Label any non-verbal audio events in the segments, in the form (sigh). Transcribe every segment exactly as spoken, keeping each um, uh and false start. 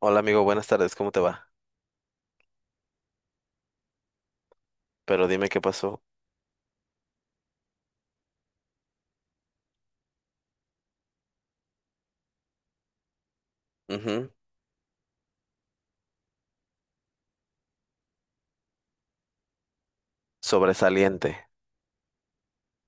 Hola amigo, buenas tardes, ¿cómo te va? Pero dime qué pasó. Ujú. Sobresaliente.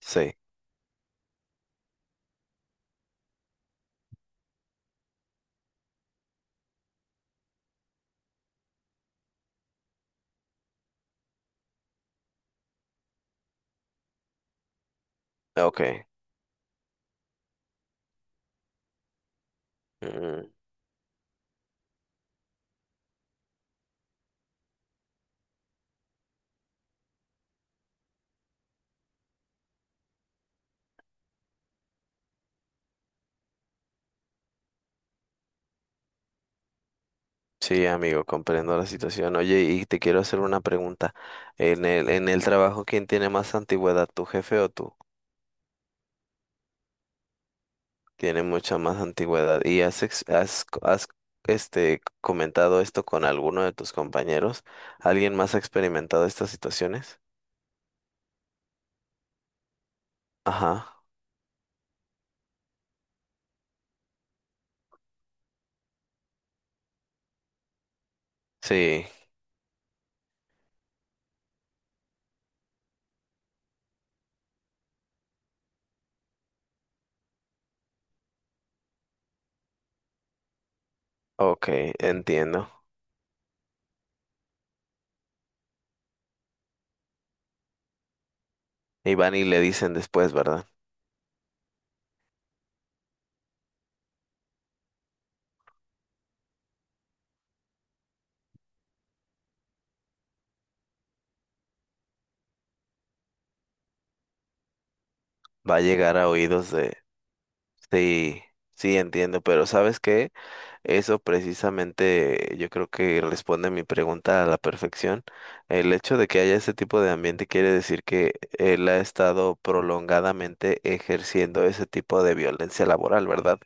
Sí. Ok. Mm. Sí, amigo, comprendo la situación. Oye, y te quiero hacer una pregunta. En el, en el trabajo, ¿quién tiene más antigüedad, tu jefe o tú? Tiene mucha más antigüedad. ¿Y has, ex- has, has, este, comentado esto con alguno de tus compañeros? ¿Alguien más ha experimentado estas situaciones? Ajá, sí, ok, entiendo. Y van y le dicen después, ¿verdad? Va a llegar a oídos de. Sí, sí, entiendo, pero ¿sabes qué? Eso precisamente yo creo que responde mi pregunta a la perfección. El hecho de que haya ese tipo de ambiente quiere decir que él ha estado prolongadamente ejerciendo ese tipo de violencia laboral, ¿verdad?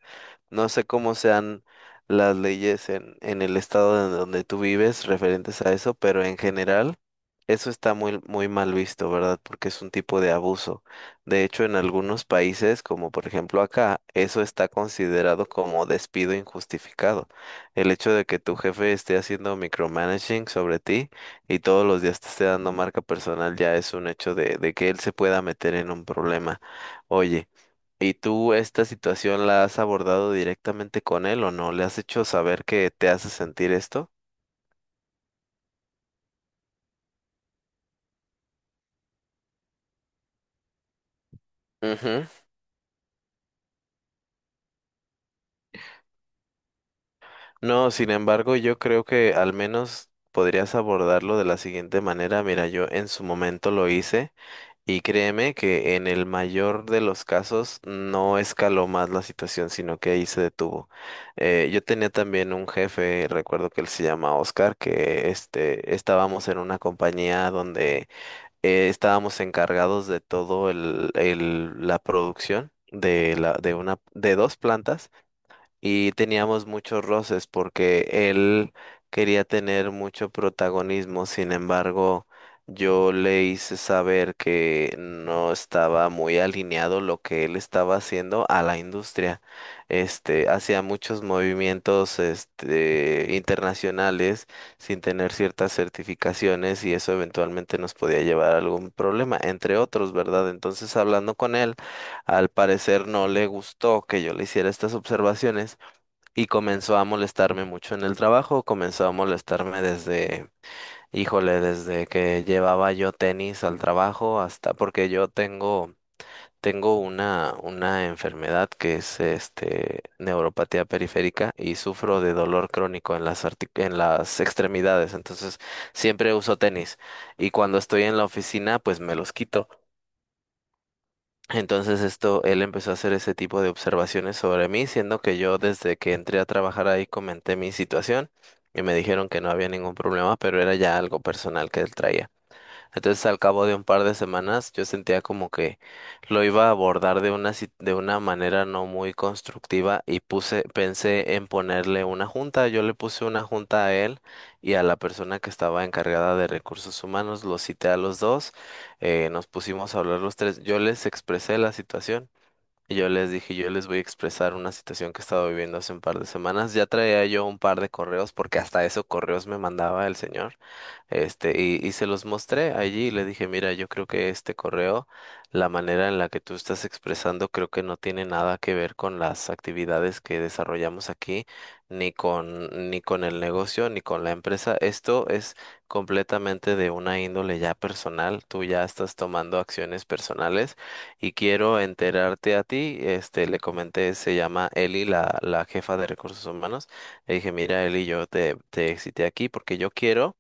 No sé cómo sean las leyes en, en el estado en donde tú vives referentes a eso, pero en general eso está muy, muy mal visto, ¿verdad? Porque es un tipo de abuso. De hecho, en algunos países, como por ejemplo acá, eso está considerado como despido injustificado. El hecho de que tu jefe esté haciendo micromanaging sobre ti y todos los días te esté dando marca personal ya es un hecho de, de que él se pueda meter en un problema. Oye, ¿y tú esta situación la has abordado directamente con él o no? ¿Le has hecho saber que te hace sentir esto? Ujú. No, sin embargo, yo creo que al menos podrías abordarlo de la siguiente manera. Mira, yo en su momento lo hice y créeme que en el mayor de los casos no escaló más la situación, sino que ahí se detuvo. Eh, yo tenía también un jefe, recuerdo que él se llama Oscar, que este, estábamos en una compañía donde eh, estábamos encargados de todo el, el- la producción de la, de una, de dos plantas y teníamos muchos roces porque él quería tener mucho protagonismo. Sin embargo, yo le hice saber que no estaba muy alineado lo que él estaba haciendo a la industria. Este, hacía muchos movimientos, este, internacionales sin tener ciertas certificaciones y eso eventualmente nos podía llevar a algún problema, entre otros, ¿verdad? Entonces, hablando con él, al parecer no le gustó que yo le hiciera estas observaciones y comenzó a molestarme mucho en el trabajo, comenzó a molestarme desde, híjole, desde que llevaba yo tenis al trabajo, hasta porque yo tengo, tengo una, una enfermedad que es este neuropatía periférica y sufro de dolor crónico en las artic- en las extremidades, entonces siempre uso tenis y cuando estoy en la oficina pues me los quito. Entonces esto, él empezó a hacer ese tipo de observaciones sobre mí, siendo que yo desde que entré a trabajar ahí comenté mi situación y me dijeron que no había ningún problema, pero era ya algo personal que él traía. Entonces, al cabo de un par de semanas, yo sentía como que lo iba a abordar de una, si- de una manera no muy constructiva y puse, pensé en ponerle una junta. Yo le puse una junta a él y a la persona que estaba encargada de recursos humanos. Los cité a los dos, eh, nos pusimos a hablar los tres. Yo les expresé la situación. Y yo les dije, yo les voy a expresar una situación que he estado viviendo hace un par de semanas. Ya traía yo un par de correos, porque hasta eso correos me mandaba el señor. Este, y, y se los mostré allí y le dije, mira, yo creo que este correo, la manera en la que tú estás expresando, creo que no tiene nada que ver con las actividades que desarrollamos aquí, ni con, ni con el negocio, ni con la empresa. Esto es completamente de una índole ya personal. Tú ya estás tomando acciones personales y quiero enterarte a ti. Este, le comenté, se llama Eli, la, la jefa de recursos humanos. Le dije, mira, Eli, yo te, te cité aquí porque yo quiero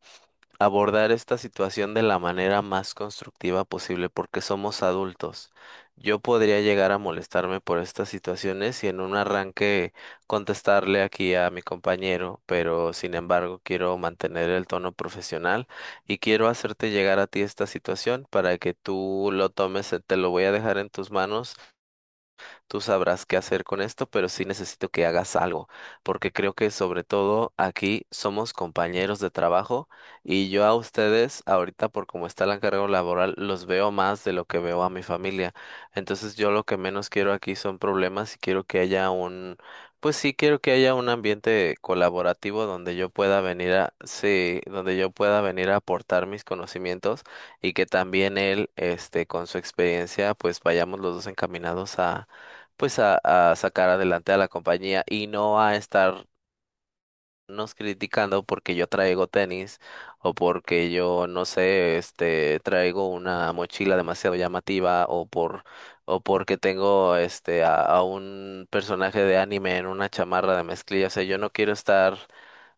abordar esta situación de la manera más constructiva posible porque somos adultos. Yo podría llegar a molestarme por estas situaciones y en un arranque contestarle aquí a mi compañero, pero sin embargo quiero mantener el tono profesional y quiero hacerte llegar a ti esta situación para que tú lo tomes, eh, te lo voy a dejar en tus manos. Tú sabrás qué hacer con esto, pero sí necesito que hagas algo, porque creo que sobre todo aquí somos compañeros de trabajo y yo a ustedes ahorita por cómo está el encargo laboral los veo más de lo que veo a mi familia. Entonces yo lo que menos quiero aquí son problemas y quiero que haya un, pues sí quiero que haya un ambiente colaborativo donde yo pueda venir a, sí, donde yo pueda venir a aportar mis conocimientos y que también él, este, con su experiencia, pues vayamos los dos encaminados a pues a, a sacar adelante a la compañía y no a estarnos criticando porque yo traigo tenis o porque yo no sé, este, traigo una mochila demasiado llamativa o por o porque tengo este a, a un personaje de anime en una chamarra de mezclilla. O sea, yo no quiero estar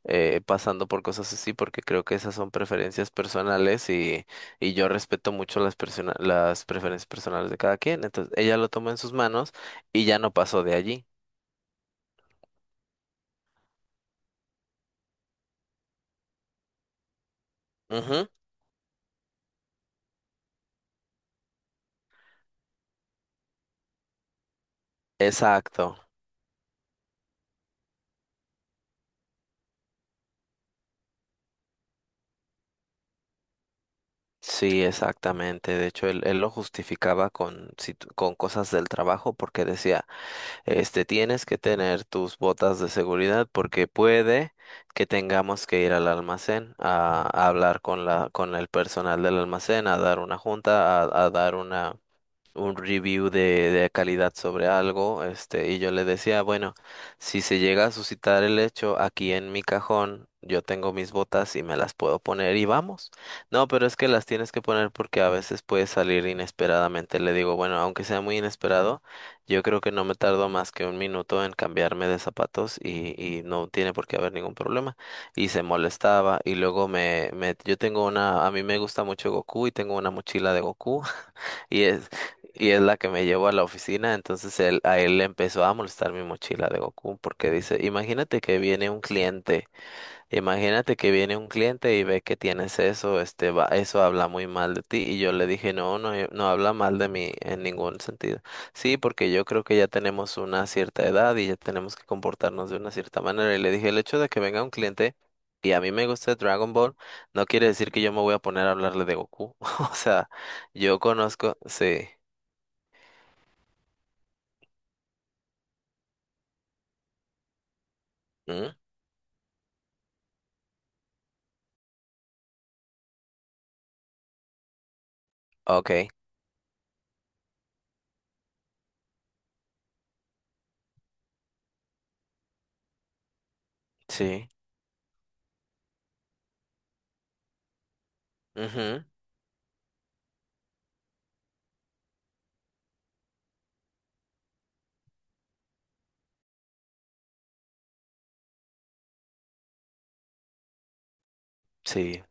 eh, pasando por cosas así porque creo que esas son preferencias personales y, y yo respeto mucho las persona- las preferencias personales de cada quien. Entonces, ella lo tomó en sus manos y ya no pasó de allí. Ujú. Exacto, sí, exactamente. De hecho, él, él lo justificaba con, situ- con cosas del trabajo porque decía, este, tienes que tener tus botas de seguridad porque puede que tengamos que ir al almacén a, a hablar con la, con el personal del almacén, a dar una junta, a, a dar una un review de, de calidad sobre algo, este, y yo le decía, bueno, si se llega a suscitar el hecho aquí en mi cajón, yo tengo mis botas y me las puedo poner y vamos. No, pero es que las tienes que poner porque a veces puede salir inesperadamente. Le digo, bueno, aunque sea muy inesperado, yo creo que no me tardo más que un minuto en cambiarme de zapatos y, y no tiene por qué haber ningún problema. Y se molestaba y luego me, me, yo tengo una, a mí me gusta mucho Goku y tengo una mochila de Goku. Y es, y es la que me llevó a la oficina, entonces él, a él le empezó a molestar mi mochila de Goku porque dice, imagínate que viene un cliente. Imagínate que viene un cliente y ve que tienes eso, este, va, eso habla muy mal de ti. Y yo le dije, no, no, yo- no habla mal de mí en ningún sentido. Sí, porque yo creo que ya tenemos una cierta edad y ya tenemos que comportarnos de una cierta manera. Y le dije, el hecho de que venga un cliente y a mí me guste Dragon Ball, no quiere decir que yo me voy a poner a hablarle de Goku. (laughs) O sea, yo conozco, sí. ¿Mm? Ok, sí. Ujú, sí.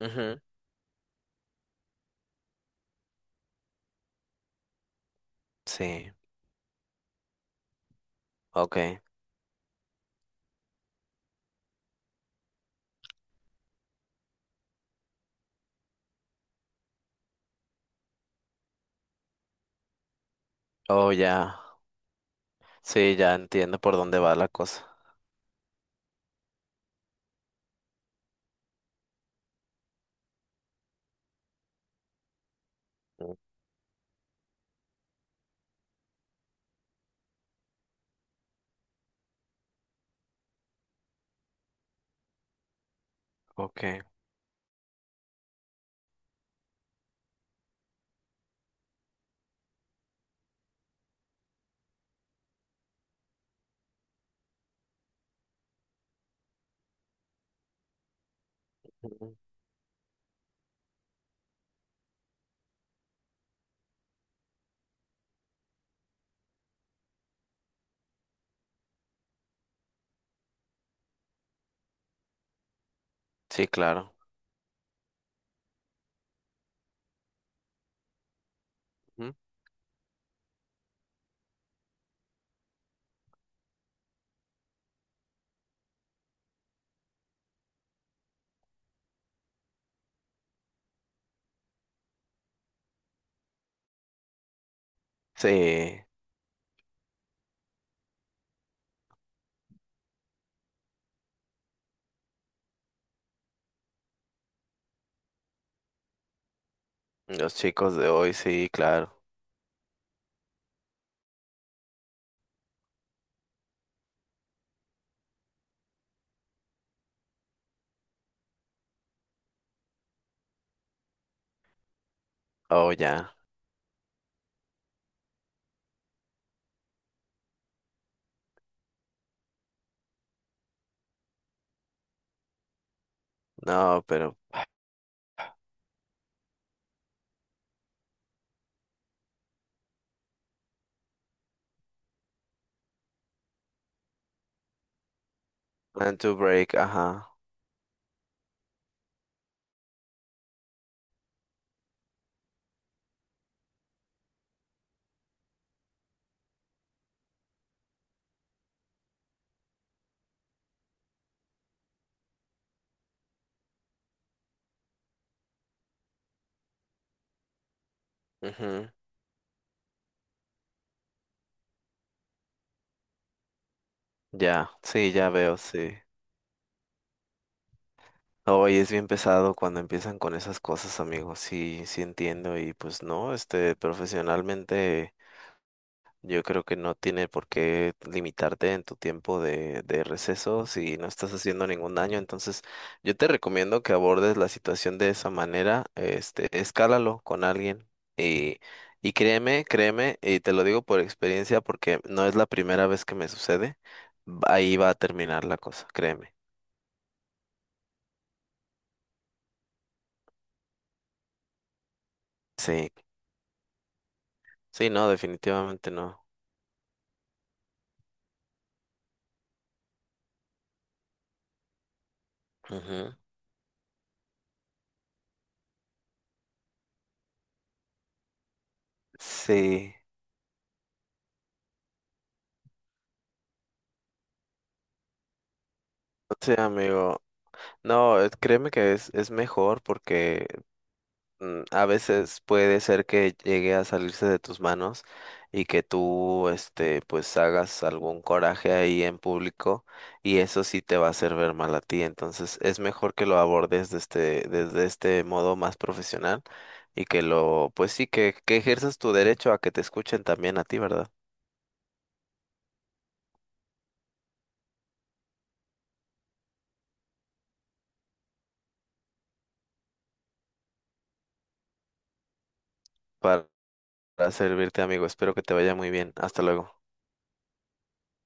Ujú, sí. Ok. Oh, ya. Sí, ya entiendo por dónde va la cosa. Mm. Ok. Ujú. Sí, claro. Ujú. Sí, los chicos de hoy, sí, claro. Oh, ya. No, pero plan to break, ajá. Ujú. Ya, sí, ya veo, sí. Hoy es bien pesado cuando empiezan con esas cosas, amigo. Sí, sí entiendo. Y pues no, este, profesionalmente. Yo creo que no tiene por qué limitarte en tu tiempo de, de receso si no estás haciendo ningún daño. Entonces, yo te recomiendo que abordes la situación de esa manera. Este, escálalo con alguien y, y créeme, créeme, y te lo digo por experiencia porque no es la primera vez que me sucede. Ahí va a terminar la cosa, créeme. Sí, sí, no, definitivamente no. Ujú. Sí, sí, amigo. No, eh, créeme que es, es mejor porque Mm, a veces puede ser que llegue a salirse de tus manos y que tú, este, pues hagas algún coraje ahí en público y eso sí te va a hacer ver mal a ti. Entonces es mejor que lo abordes desde, desde este modo más profesional y que lo, pues sí, que, que ejerzas tu derecho a que te escuchen también a ti, ¿verdad? Para, para servirte, amigo. Espero que te vaya muy bien. Hasta luego.